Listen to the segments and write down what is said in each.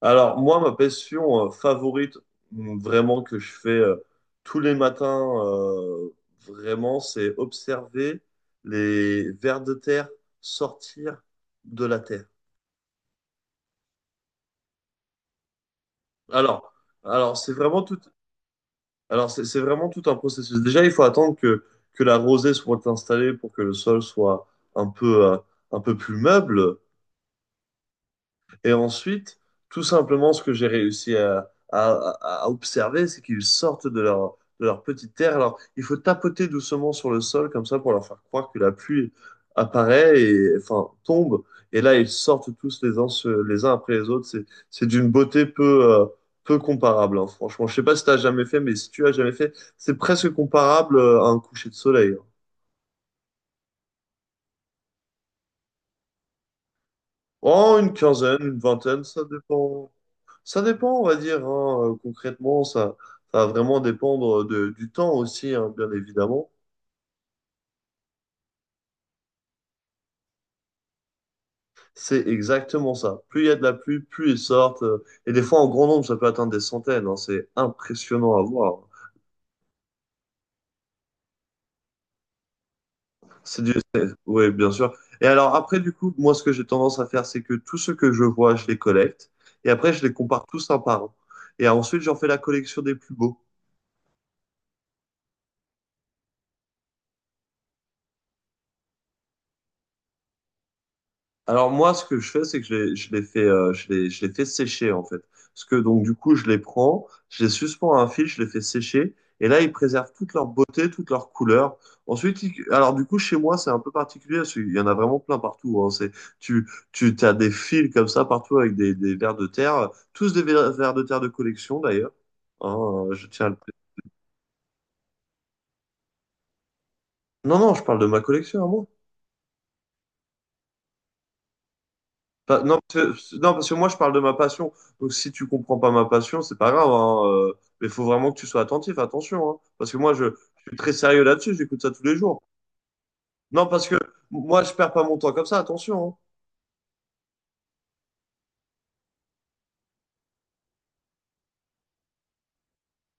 Alors, moi, ma passion favorite, vraiment, que je fais tous les matins, vraiment, c'est observer les vers de terre sortir de la terre. Alors, alors, c'est vraiment tout un processus. Déjà, il faut attendre que la rosée soit installée pour que le sol soit un peu, euh, un peu plus meuble. Et ensuite, tout simplement, ce que j'ai réussi à observer, c'est qu'ils sortent de leur petite terre. Alors, il faut tapoter doucement sur le sol, comme ça, pour leur faire croire que la pluie apparaît et, enfin, tombe. Et là, ils sortent tous les uns, se- les uns après les autres. C'est d'une beauté peu comparable, hein, franchement. Je sais pas si tu as jamais fait, mais si tu as jamais fait, c'est presque comparable à un coucher de soleil, hein. Oh, une quinzaine, une vingtaine, ça dépend. Ça dépend, on va dire, hein. Concrètement, ça va vraiment dépendre du temps aussi, hein, bien évidemment. C'est exactement ça. Plus il y a de la pluie, plus ils sortent. Et des fois, en grand nombre, ça peut atteindre des centaines, hein. C'est impressionnant à voir. C'est du… Oui, bien sûr. Et alors, après, du coup, moi, ce que j'ai tendance à faire, c'est que tout ce que je vois, je les collecte. Et après, je les compare tous un par un. Et ensuite, j'en fais la collection des plus beaux. Alors moi, ce que je fais, c'est que je les fais, je les fais sécher en fait. Parce que donc du coup, je les prends, je les suspends à un fil, je les fais sécher, et là, ils préservent toute leur beauté, toute leur couleur. Ensuite, alors du coup, chez moi, c'est un peu particulier, parce qu'il y en a vraiment plein partout. Hein. Tu, tu as des fils comme ça partout avec des vers de terre, tous des vers de terre de collection d'ailleurs. Hein, je tiens à le… Non, non, je parle de ma collection à moi. Non, non, parce que moi, je parle de ma passion. Donc, si tu comprends pas ma passion, c'est pas grave, hein, mais il faut vraiment que tu sois attentif, attention, hein, parce que moi, je suis très sérieux là-dessus, j'écoute ça tous les jours. Non, parce que moi, je perds pas mon temps comme ça, attention, hein.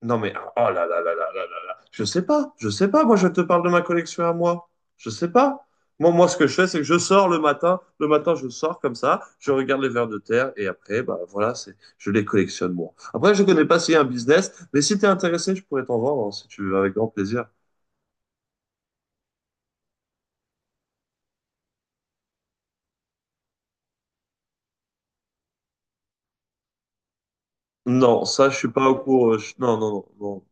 Non mais oh là là là là là là là. Je sais pas, je sais pas. Moi, je te parle de ma collection à moi. Je sais pas. Moi, ce que je fais, c'est que je sors le matin. Le matin, je sors comme ça. Je regarde les vers de terre et après, bah voilà, je les collectionne moi. Après, je connais pas s'il y a un business, mais si tu es intéressé, je pourrais t'en vendre hein, si tu veux, avec grand plaisir. Non, ça, je suis pas au courant. Non, non, non, non.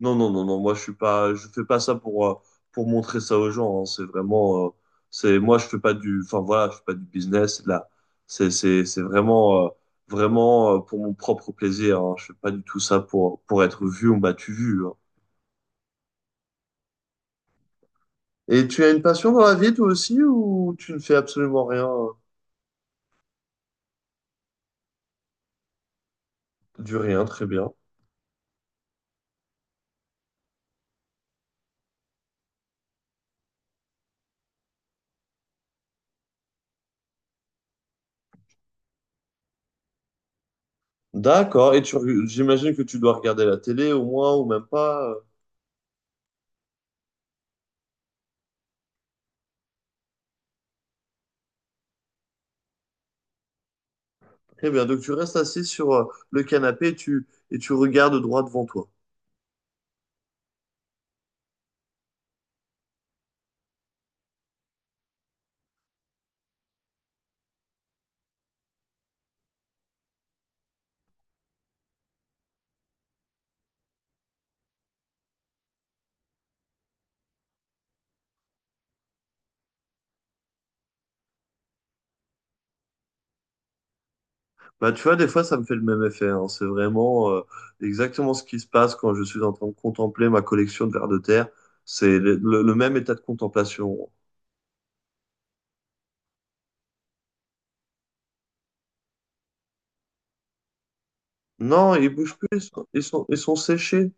Non, non, non, non, moi je suis pas, je fais pas ça pour montrer ça aux gens, hein. C'est vraiment, moi je fais pas du, enfin voilà, je fais pas du business. Là, c'est vraiment, pour mon propre plaisir. Hein. Je fais pas du tout ça pour être vu ou battu vu, hein. Et tu as une passion dans la vie toi aussi ou tu ne fais absolument rien? Du rien, très bien. D'accord. Et j'imagine que tu dois regarder la télé au moins ou même pas. Très bien. Donc tu restes assis sur le canapé et tu regardes droit devant toi. Bah, tu vois, des fois, ça me fait le même effet, hein. C'est vraiment, exactement ce qui se passe quand je suis en train de contempler ma collection de vers de terre. C'est le même état de contemplation. Non, ils bougent plus, ils sont séchés.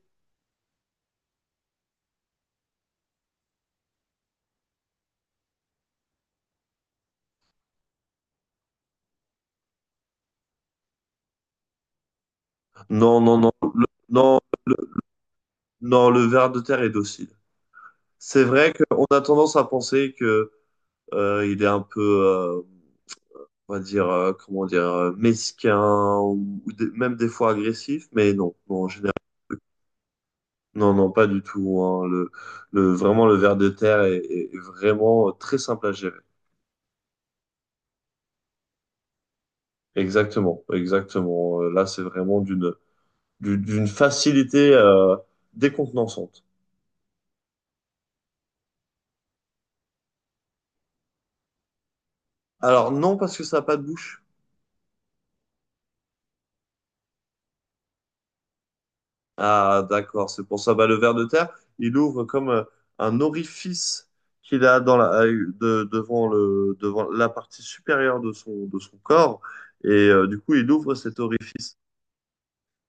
Non, non, non, le, non, le ver de terre est docile. C'est vrai qu'on a tendance à penser que il est un peu, euh, on va dire, comment dire, mesquin ou même des fois agressif, mais non, non, en général. Non, non, pas du tout, hein. Vraiment, le ver de terre est vraiment, très simple à gérer. Exactement, exactement. Là, c'est vraiment d'une facilité décontenançante. Alors, non, parce que ça n'a pas de bouche. Ah, d'accord, c'est pour ça. Bah, le ver de terre, il ouvre comme un orifice qu'il a dans la, de- devant le, devant la partie supérieure de son corps. Et du coup, il ouvre cet orifice.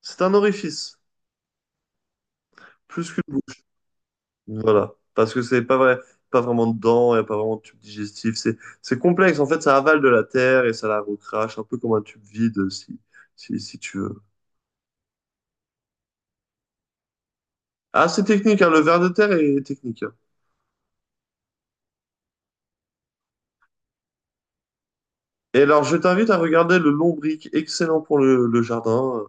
C'est un orifice, plus qu'une… Voilà. Parce que c'est pas vrai, pas vraiment de dents, il n'y a pas vraiment de tube digestif. C'est complexe. En fait, ça avale de la terre et ça la recrache, un peu comme un tube vide, si tu veux. Ah, c'est technique, hein, le ver de terre est technique, hein. Et alors, je t'invite à regarder le lombric, excellent pour le jardin.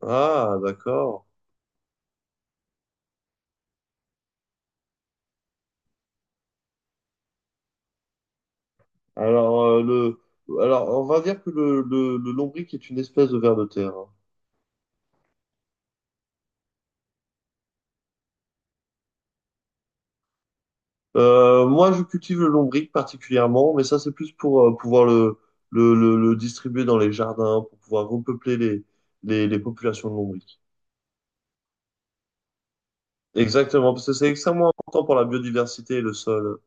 Ah, d'accord. Alors, alors, on va dire que le lombric est une espèce de ver de terre, hein. Moi, je cultive le lombric particulièrement, mais ça, c'est plus pour pouvoir le distribuer dans les jardins, pour pouvoir repeupler les populations de lombric. Exactement, parce que c'est extrêmement important pour la biodiversité et le sol.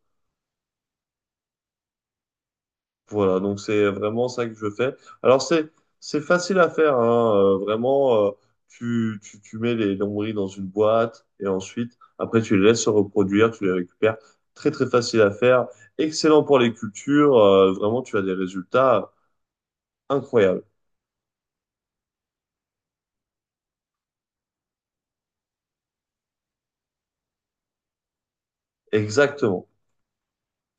Voilà, donc c'est vraiment ça que je fais. Alors, c'est facile à faire, hein, vraiment, tu mets les lombrics dans une boîte et ensuite, après, tu les laisses se reproduire, tu les récupères. Très, très facile à faire. Excellent pour les cultures. Vraiment, tu as des résultats incroyable. Exactement.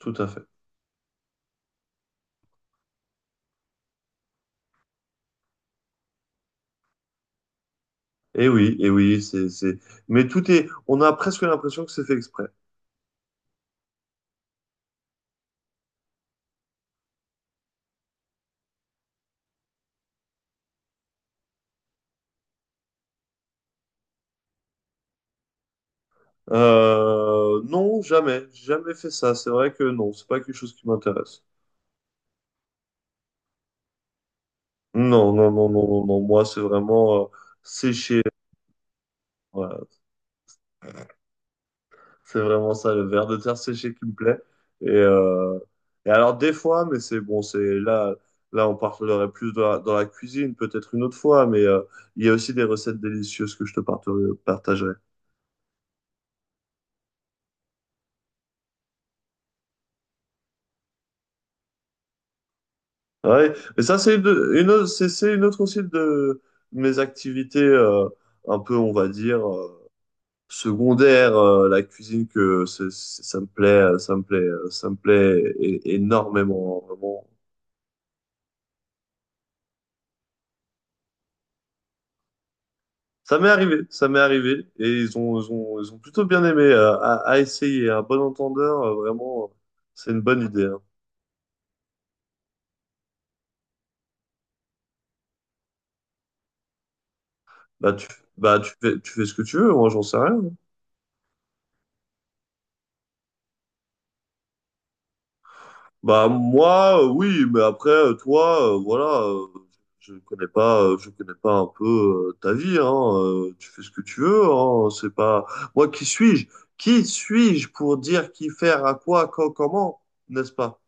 Tout à fait. Et oui, c'est. Mais tout est. On a presque l'impression que c'est fait exprès. Non, jamais, j'ai jamais fait ça. C'est vrai que non, c'est pas quelque chose qui m'intéresse. Non, non, non, non, non, non. Moi, c'est vraiment, séché. Voilà. C'est vraiment ça, le verre de terre séché qui me plaît. Et, euh, et alors des fois, mais c'est bon, c'est là, on parlerait plus dans la cuisine, peut-être une autre fois. Mais il y a aussi des recettes délicieuses que je te partagerai. Ah ouais, mais ça, c'est une autre aussi de mes activités, un peu, on va dire, secondaires. La cuisine, que ça me plaît, ça me plaît, ça me plaît énormément, vraiment. Ça m'est arrivé, et ils ont plutôt bien aimé, à essayer. Un bon entendeur, vraiment, c'est une bonne idée, hein. Bah, tu fais ce que tu veux, moi, j'en sais rien, hein. Bah moi, oui, mais après, toi, voilà, je connais pas un peu ta vie, hein, tu fais ce que tu veux, hein, c'est pas… Moi, qui suis-je? Qui suis-je pour dire qui faire à quoi, quand, comment, n'est-ce pas?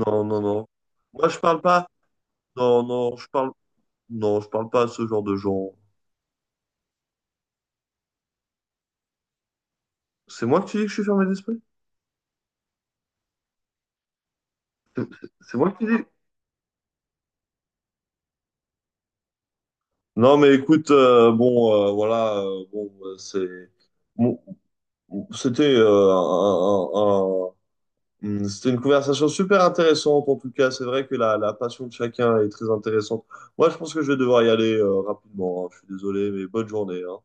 Non, non, non. Moi, je parle pas. Non, non, je parle. Non, je parle pas à ce genre de gens. C'est moi qui dis que je suis fermé d'esprit? C'est moi qui dis. Non, mais écoute, bon, voilà, bon, c'est. Bon, C'était un- c'était une conversation super intéressante en tout cas. C'est vrai que la passion de chacun est très intéressante. Moi, je pense que je vais devoir y aller rapidement, hein. Je suis désolé, mais bonne journée, hein.